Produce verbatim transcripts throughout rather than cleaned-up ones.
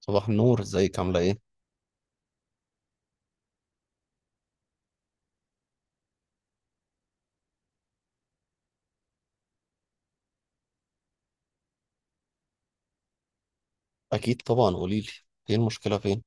صباح النور، ازيك؟ عاملة ايه؟ أكيد طبعا قوليلي، ايه المشكلة؟ فين؟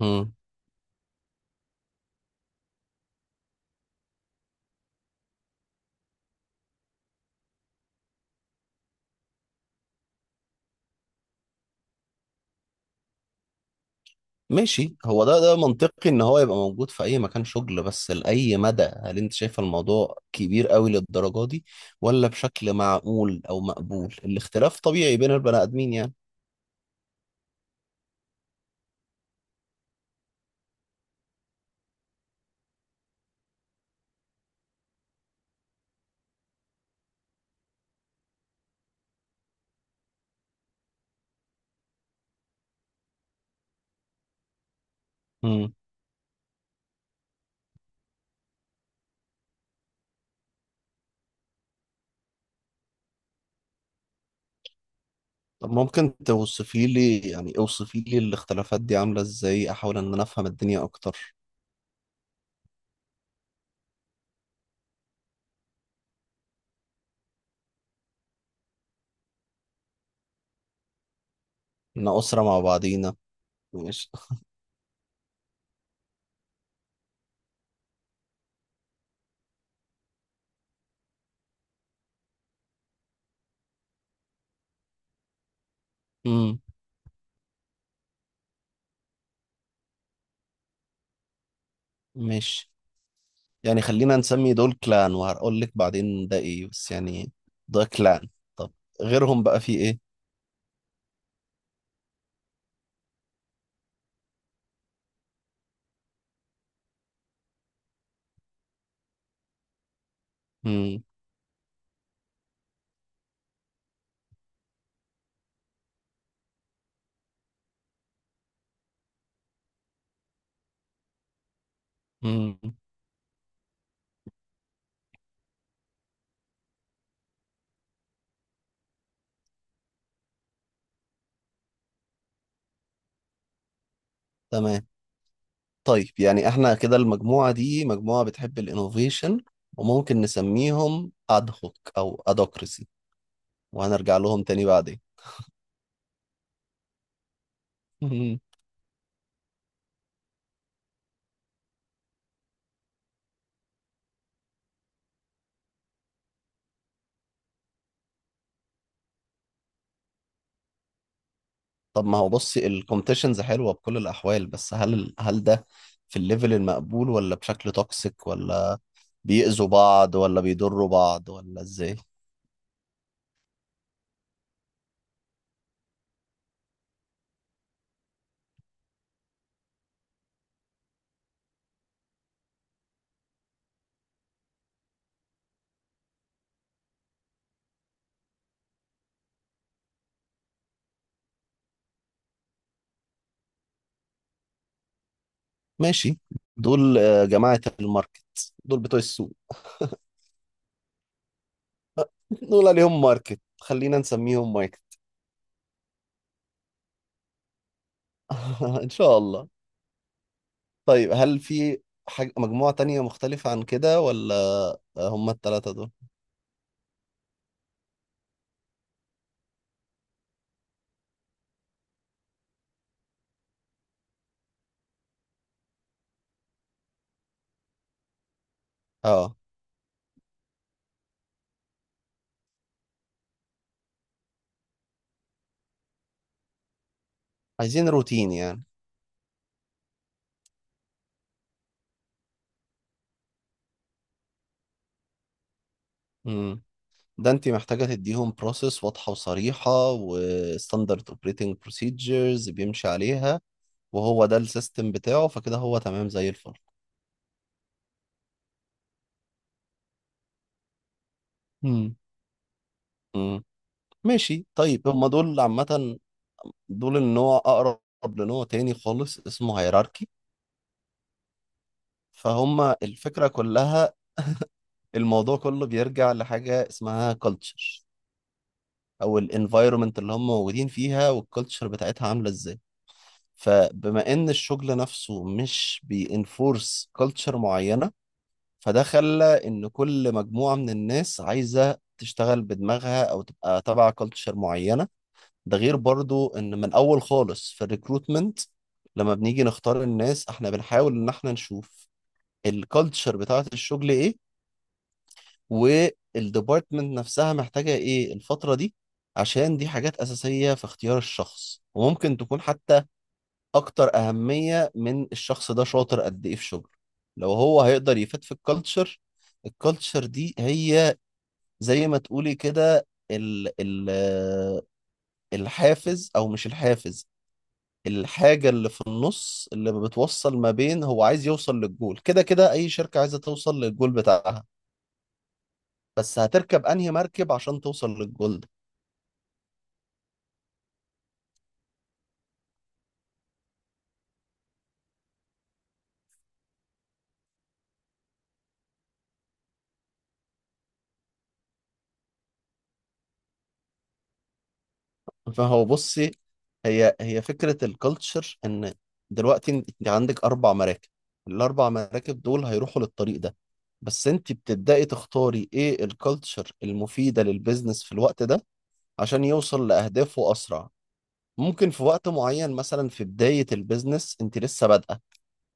مم. ماشي، هو ده ده منطقي إن هو يبقى موجود في أي مكان شغل، بس لأي مدى؟ هل أنت شايفة الموضوع كبير قوي للدرجة دي ولا بشكل معقول أو مقبول؟ الاختلاف طبيعي بين البني آدمين يعني. مم. طب ممكن توصفي لي، يعني اوصفي لي الاختلافات دي عاملة ازاي؟ أحاول إن أنا أفهم الدنيا أكتر. إحنا أسرة مع بعضينا. ماشي. مم. ماشي، يعني خلينا نسمي دول كلان، وهقول لك بعدين ده ايه بس يعني. ده كلان. طب غيرهم بقى في ايه؟ مم. مم. تمام. طيب يعني احنا كده المجموعة دي مجموعة بتحب الانوفيشن، وممكن نسميهم ادهوك او ادوكراسي، وهنرجع لهم تاني بعدين. مم. طب ما هو بصي، الكومبتيشنز حلوة بكل الاحوال، بس هل هل ده في الليفل المقبول، ولا بشكل توكسيك، ولا بيأذوا بعض ولا بيضروا بعض ولا ازاي؟ ماشي، دول آه، جماعة الماركت، دول بتوع السوق. دول عليهم ماركت، خلينا نسميهم ماركت. ان شاء الله. طيب هل في حاجة مجموعة تانية مختلفة عن كده ولا؟ آه، هم التلاتة دول. اه، عايزين روتين يعني. امم، ده انت محتاجة تديهم بروسيس واضحة وصريحة وستاندرد اوبريتنج بروسيجرز بيمشي عليها، وهو ده السيستم بتاعه، فكده هو تمام زي الفل. امم. ماشي طيب، هم دول عامة دول النوع أقرب لنوع تاني خالص اسمه هيراركي. فهم الفكرة كلها، الموضوع كله بيرجع لحاجة اسمها كلتشر، أو الانفايرومنت اللي هم موجودين فيها والكلتشر بتاعتها عاملة ازاي. فبما إن الشغل نفسه مش بينفورس كلتشر معينة، فده خلى إن كل مجموعة من الناس عايزة تشتغل بدماغها أو تبقى تبع كلتشر معينة. ده غير برضو ان من اول خالص في الريكروتمنت، لما بنيجي نختار الناس احنا بنحاول ان احنا نشوف الكالتشر بتاعة الشغل ايه، والديبارتمنت نفسها محتاجة ايه الفترة دي، عشان دي حاجات اساسية في اختيار الشخص، وممكن تكون حتى اكتر اهمية من الشخص ده شاطر قد ايه في شغله، لو هو هيقدر يفيد في الكالتشر. الكالتشر دي هي زي ما تقولي كده ال ال الحافز او مش الحافز، الحاجة اللي في النص اللي بتوصل ما بين هو عايز يوصل للجول، كده كده أي شركة عايزة توصل للجول بتاعها، بس هتركب أنهي مركب عشان توصل للجول ده؟ فهو بصي، هي هي فكرة الكالتشر إن دلوقتي أنت عندك أربع مراكب، الأربع مراكب دول هيروحوا للطريق ده، بس أنت بتبدأي تختاري إيه الكالتشر المفيدة للبيزنس في الوقت ده عشان يوصل لأهدافه أسرع. ممكن في وقت معين مثلا، في بداية البيزنس أنت لسه بادئة،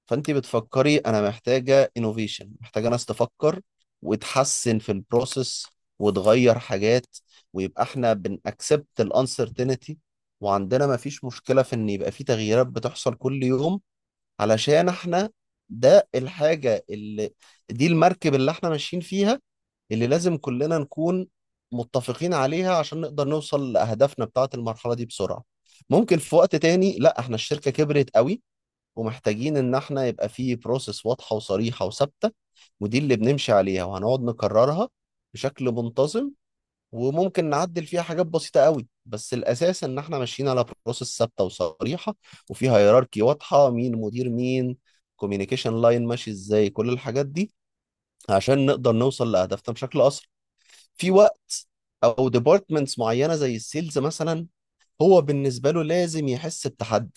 فانت بتفكري انا محتاجه انوفيشن، محتاجه ناس تفكر وتحسن في البروسيس وتغير حاجات، ويبقى احنا بنأكسبت الانسرتينتي، وعندنا ما فيش مشكله في ان يبقى في تغييرات بتحصل كل يوم، علشان احنا ده الحاجه اللي، دي المركب اللي احنا ماشيين فيها، اللي لازم كلنا نكون متفقين عليها عشان نقدر نوصل لأهدافنا بتاعة المرحلة دي بسرعة. ممكن في وقت تاني لا، احنا الشركة كبرت قوي ومحتاجين ان احنا يبقى فيه بروسيس واضحه وصريحه وثابته، ودي اللي بنمشي عليها وهنقعد نكررها بشكل منتظم، وممكن نعدل فيها حاجات بسيطه قوي، بس الاساس ان احنا ماشيين على بروسيس ثابته وصريحه، وفيها هيراركي واضحه مين مدير مين، كوميونيكيشن لاين ماشي ازاي، كل الحاجات دي عشان نقدر نوصل لهدفنا بشكل اسرع في وقت. او ديبارتمنتس معينه زي السيلز مثلا، هو بالنسبه له لازم يحس بتحدي،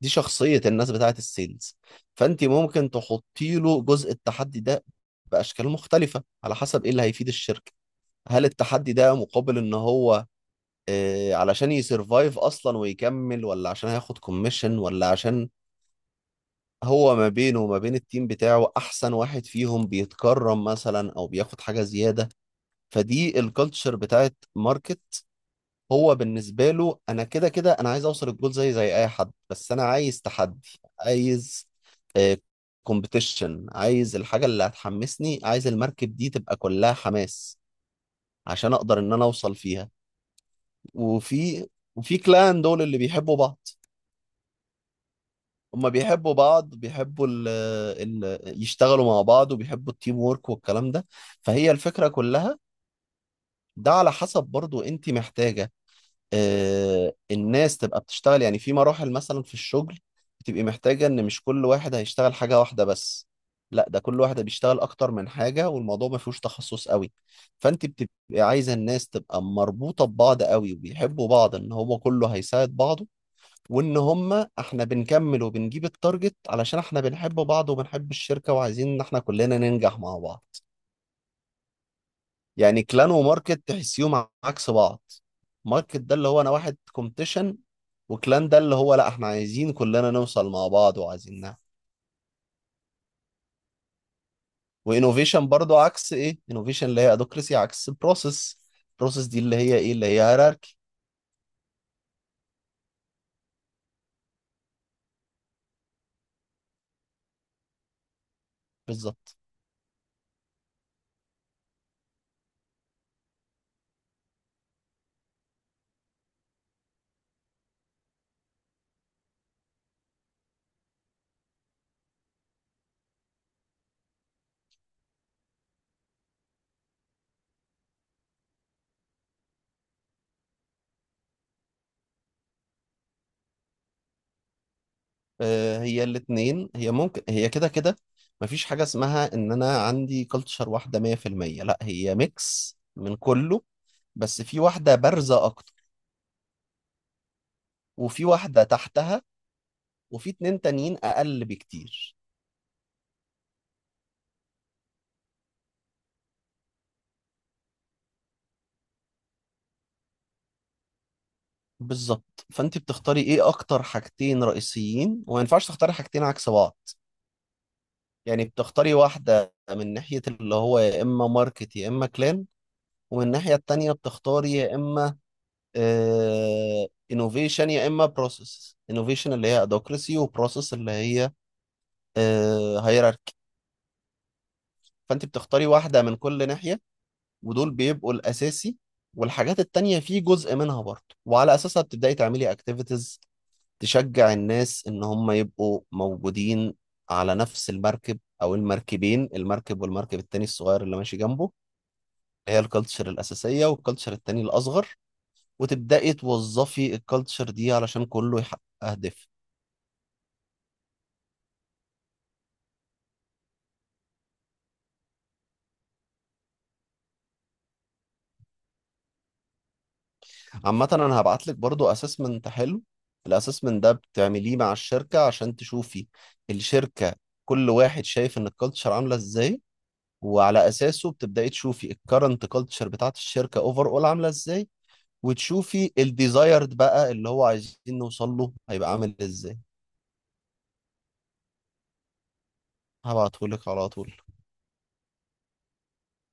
دي شخصية الناس بتاعت السيلز، فأنت ممكن تحطي له جزء التحدي ده بأشكال مختلفة على حسب إيه اللي هيفيد الشركة. هل التحدي ده مقابل إن هو آه، علشان يسرفايف أصلا ويكمل، ولا عشان هياخد كوميشن، ولا عشان هو ما بينه وما بين التيم بتاعه أحسن واحد فيهم بيتكرم مثلا أو بياخد حاجة زيادة. فدي الكالتشر بتاعت ماركت، هو بالنسبة له أنا كده كده أنا عايز أوصل الجول زي زي أي حد، بس أنا عايز تحدي، عايز كومبيتيشن، عايز الحاجة اللي هتحمسني، عايز المركب دي تبقى كلها حماس عشان أقدر إن أنا أوصل فيها. وفي وفي كلان دول اللي بيحبوا بعض، هما بيحبوا بعض، بيحبوا ال ال يشتغلوا مع بعض وبيحبوا التيم وورك والكلام ده. فهي الفكرة كلها، ده على حسب برضو انت محتاجة آه، الناس تبقى بتشتغل. يعني في مراحل مثلا في الشغل بتبقي محتاجة ان مش كل واحد هيشتغل حاجة واحدة بس، لا ده كل واحد بيشتغل اكتر من حاجة والموضوع ما فيهوش تخصص قوي، فانت بتبقي عايزة الناس تبقى مربوطة ببعض قوي وبيحبوا بعض، ان هو كله هيساعد بعضه، وان هما احنا بنكمل وبنجيب التارجت علشان احنا بنحب بعض وبنحب الشركة وعايزين ان احنا كلنا ننجح مع بعض. يعني كلان وماركت تحسيهم عكس بعض، ماركت ده اللي هو انا واحد كومبتيشن، وكلان ده اللي هو لا احنا عايزين كلنا نوصل مع بعض وعايزينها. وانوفيشن برضو عكس ايه؟ انوفيشن اللي هي ادوكراسي عكس بروسيس، بروسيس دي اللي هي ايه؟ اللي هي هيراركي. بالظبط. آه، هي الاتنين، هي ممكن هي كده كده مفيش حاجة اسمها ان انا عندي كلتشر واحدة مية في المية، لا هي ميكس من كله، بس في واحدة بارزة اكتر، وفي واحدة تحتها، وفي اتنين تانيين اقل بكتير. بالظبط، فانت بتختاري ايه اكتر حاجتين رئيسيين، وما ينفعش تختاري حاجتين عكس بعض. يعني بتختاري واحدة من ناحية اللي هو يا اما ماركت يا اما كلان، ومن الناحية التانية بتختاري يا اما انوفيشن يا اما بروسيس، انوفيشن اللي هي ادوكراسي وبروسيس اللي هي هيراركي. فانت بتختاري واحدة من كل ناحية، ودول بيبقوا الاساسي، والحاجات التانية في جزء منها برضه، وعلى أساسها بتبدأي تعملي أكتيفيتيز تشجع الناس إن هم يبقوا موجودين على نفس المركب أو المركبين، المركب والمركب التاني الصغير اللي ماشي جنبه، هي الكالتشر الأساسية والكالتشر التاني الأصغر، وتبدأي توظفي الكالتشر دي علشان كله يحقق أهداف. عامة أنا هبعت لك برضو أسسمنت حلو، الأسسمنت ده بتعمليه مع الشركة عشان تشوفي الشركة كل واحد شايف إن الكالتشر عاملة إزاي، وعلى أساسه بتبدأي تشوفي الكرنت كالتشر بتاعت الشركة أوفر أول عاملة إزاي، وتشوفي الديزايرد بقى اللي هو عايزين نوصل له هيبقى عامل ازاي. هبعتهولك على طول.